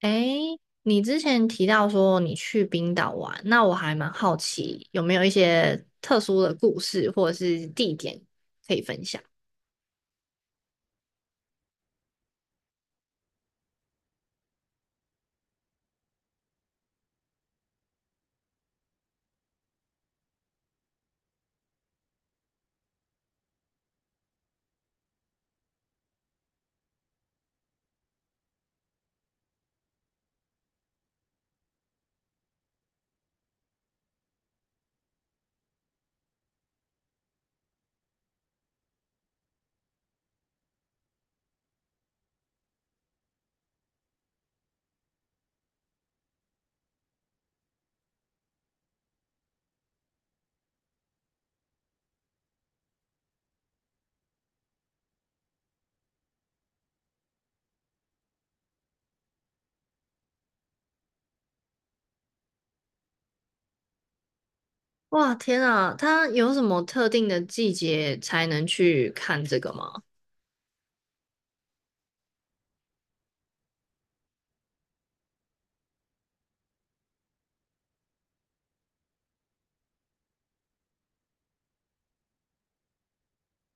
诶，你之前提到说你去冰岛玩，那我还蛮好奇有没有一些特殊的故事或者是地点可以分享？哇，天啊，它有什么特定的季节才能去看这个吗？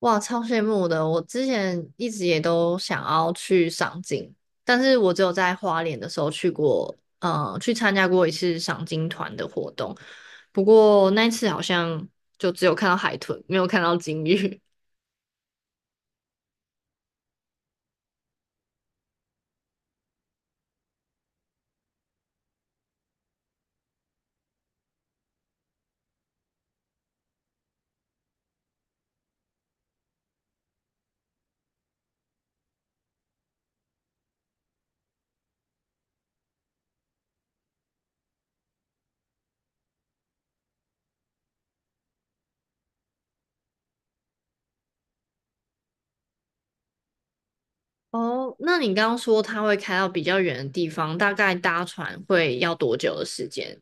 哇，超羡慕的！我之前一直也都想要去赏金，但是我只有在花莲的时候去过，去参加过一次赏金团的活动，不过那一次好像就只有看到海豚，没有看到鲸鱼。哦，那你刚刚说它会开到比较远的地方，大概搭船会要多久的时间？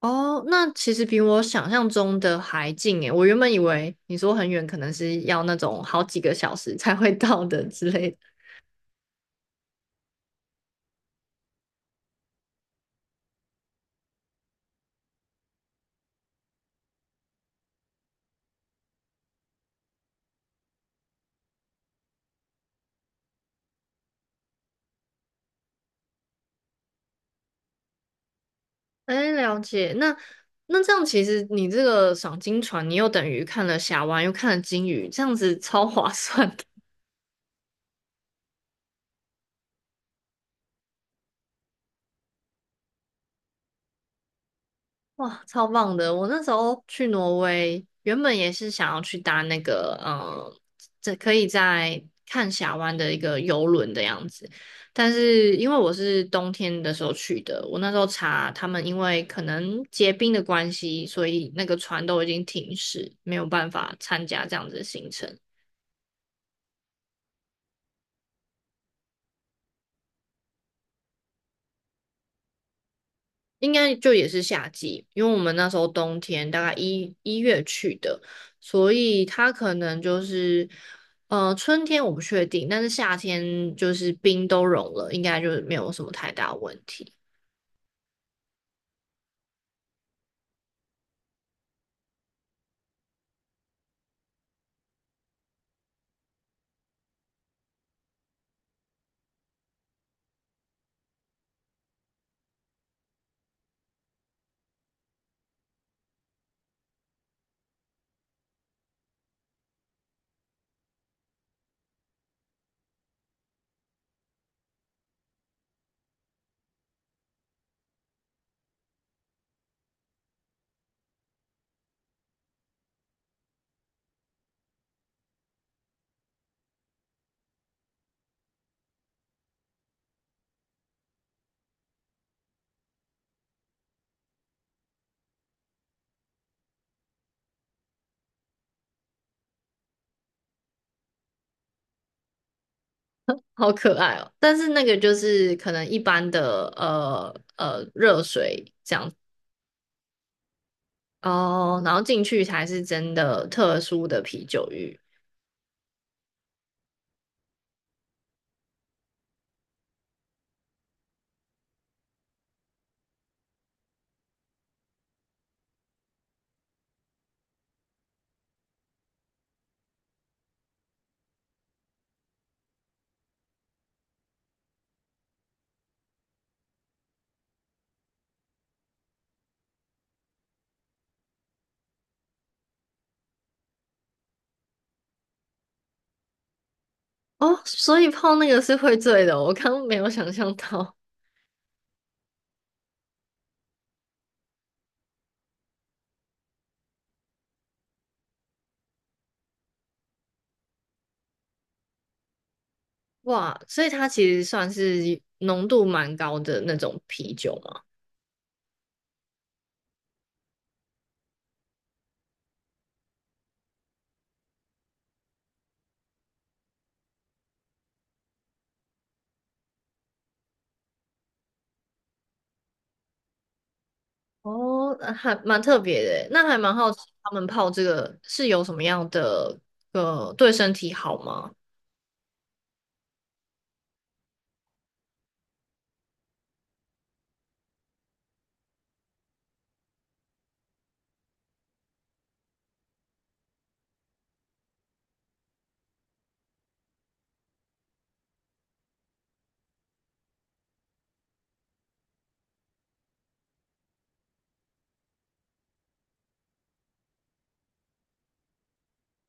哦，那其实比我想象中的还近诶，我原本以为你说很远，可能是要那种好几个小时才会到的之类的。哎，了解。那这样其实你这个赏金船，你又等于看了峡湾，又看了鲸鱼，这样子超划算的。哇，超棒的！我那时候去挪威，原本也是想要去搭那个，嗯，这可以在看峡湾的一个游轮的样子。但是因为我是冬天的时候去的，我那时候查他们，因为可能结冰的关系，所以那个船都已经停驶，没有办法参加这样子的行程。应该就也是夏季，因为我们那时候冬天大概一月去的，所以它可能就是，春天我不确定，但是夏天就是冰都融了，应该就是没有什么太大问题。好可爱哦！但是那个就是可能一般的热水。哦，然后进去才是真的特殊的啤酒浴。哦，所以泡那个是会醉的哦，我刚刚没有想象到。哇，所以它其实算是浓度蛮高的那种啤酒嘛。哦，还蛮特别的耶，那还蛮好奇他们泡这个是有什么样的对身体好吗？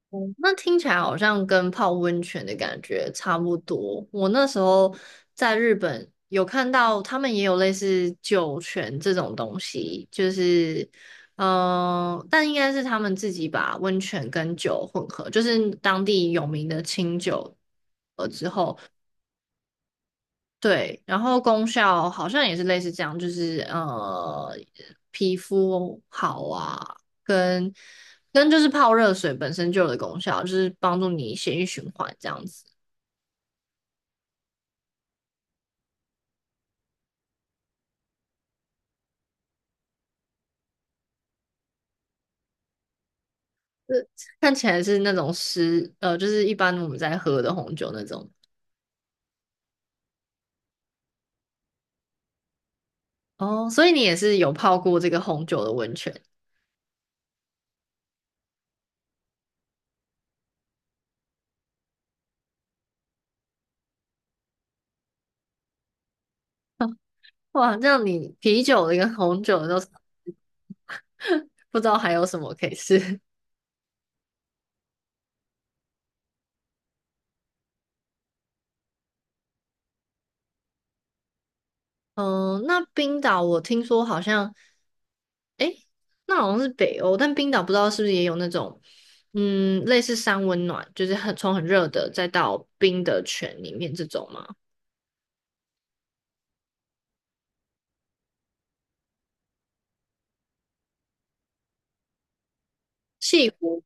哦，那听起来好像跟泡温泉的感觉差不多。我那时候在日本有看到他们也有类似酒泉这种东西，就是但应该是他们自己把温泉跟酒混合，就是当地有名的清酒了之后，对，然后功效好像也是类似这样，就是皮肤好啊，跟跟就是泡热水本身就有的功效，就是帮助你血液循环这样子。是 看起来是那种湿，就是一般我们在喝的红酒那种。哦，所以你也是有泡过这个红酒的温泉。哇，这样你啤酒的跟红酒的都 不知道还有什么可以试。嗯，那冰岛我听说好像。诶，那好像是北欧，但冰岛不知道是不是也有那种，嗯，类似山温暖，就是很从很热的再到冰的泉里面这种吗？西湖，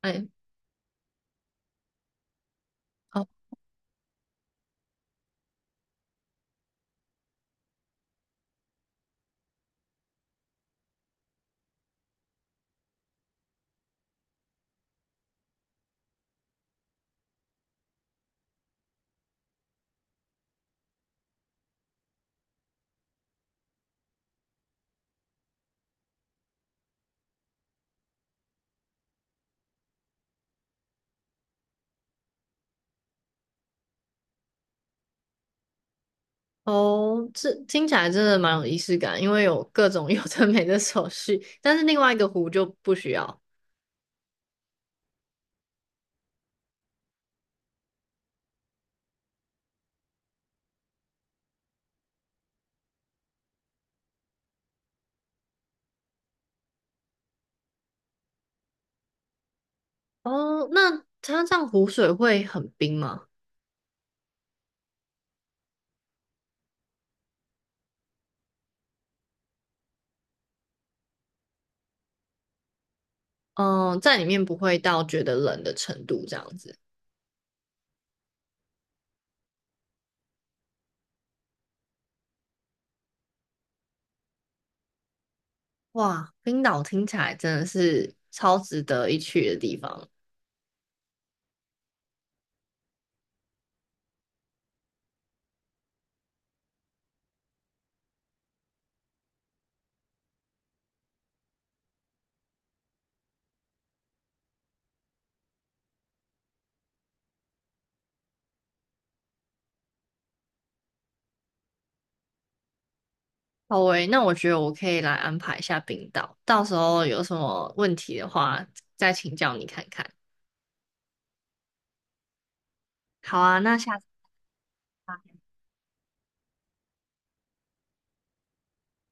哎，哦哦，这听起来真的蛮有仪式感，因为有各种 有的没的手续，但是另外一个湖就不需要。哦，那它这样湖水会很冰吗？嗯，在里面不会到觉得冷的程度这样子。哇，冰岛听起来真的是超值得一去的地方。好喂，那我觉得我可以来安排一下冰岛，到时候有什么问题的话，再请教你看看。好啊，那下次。吧。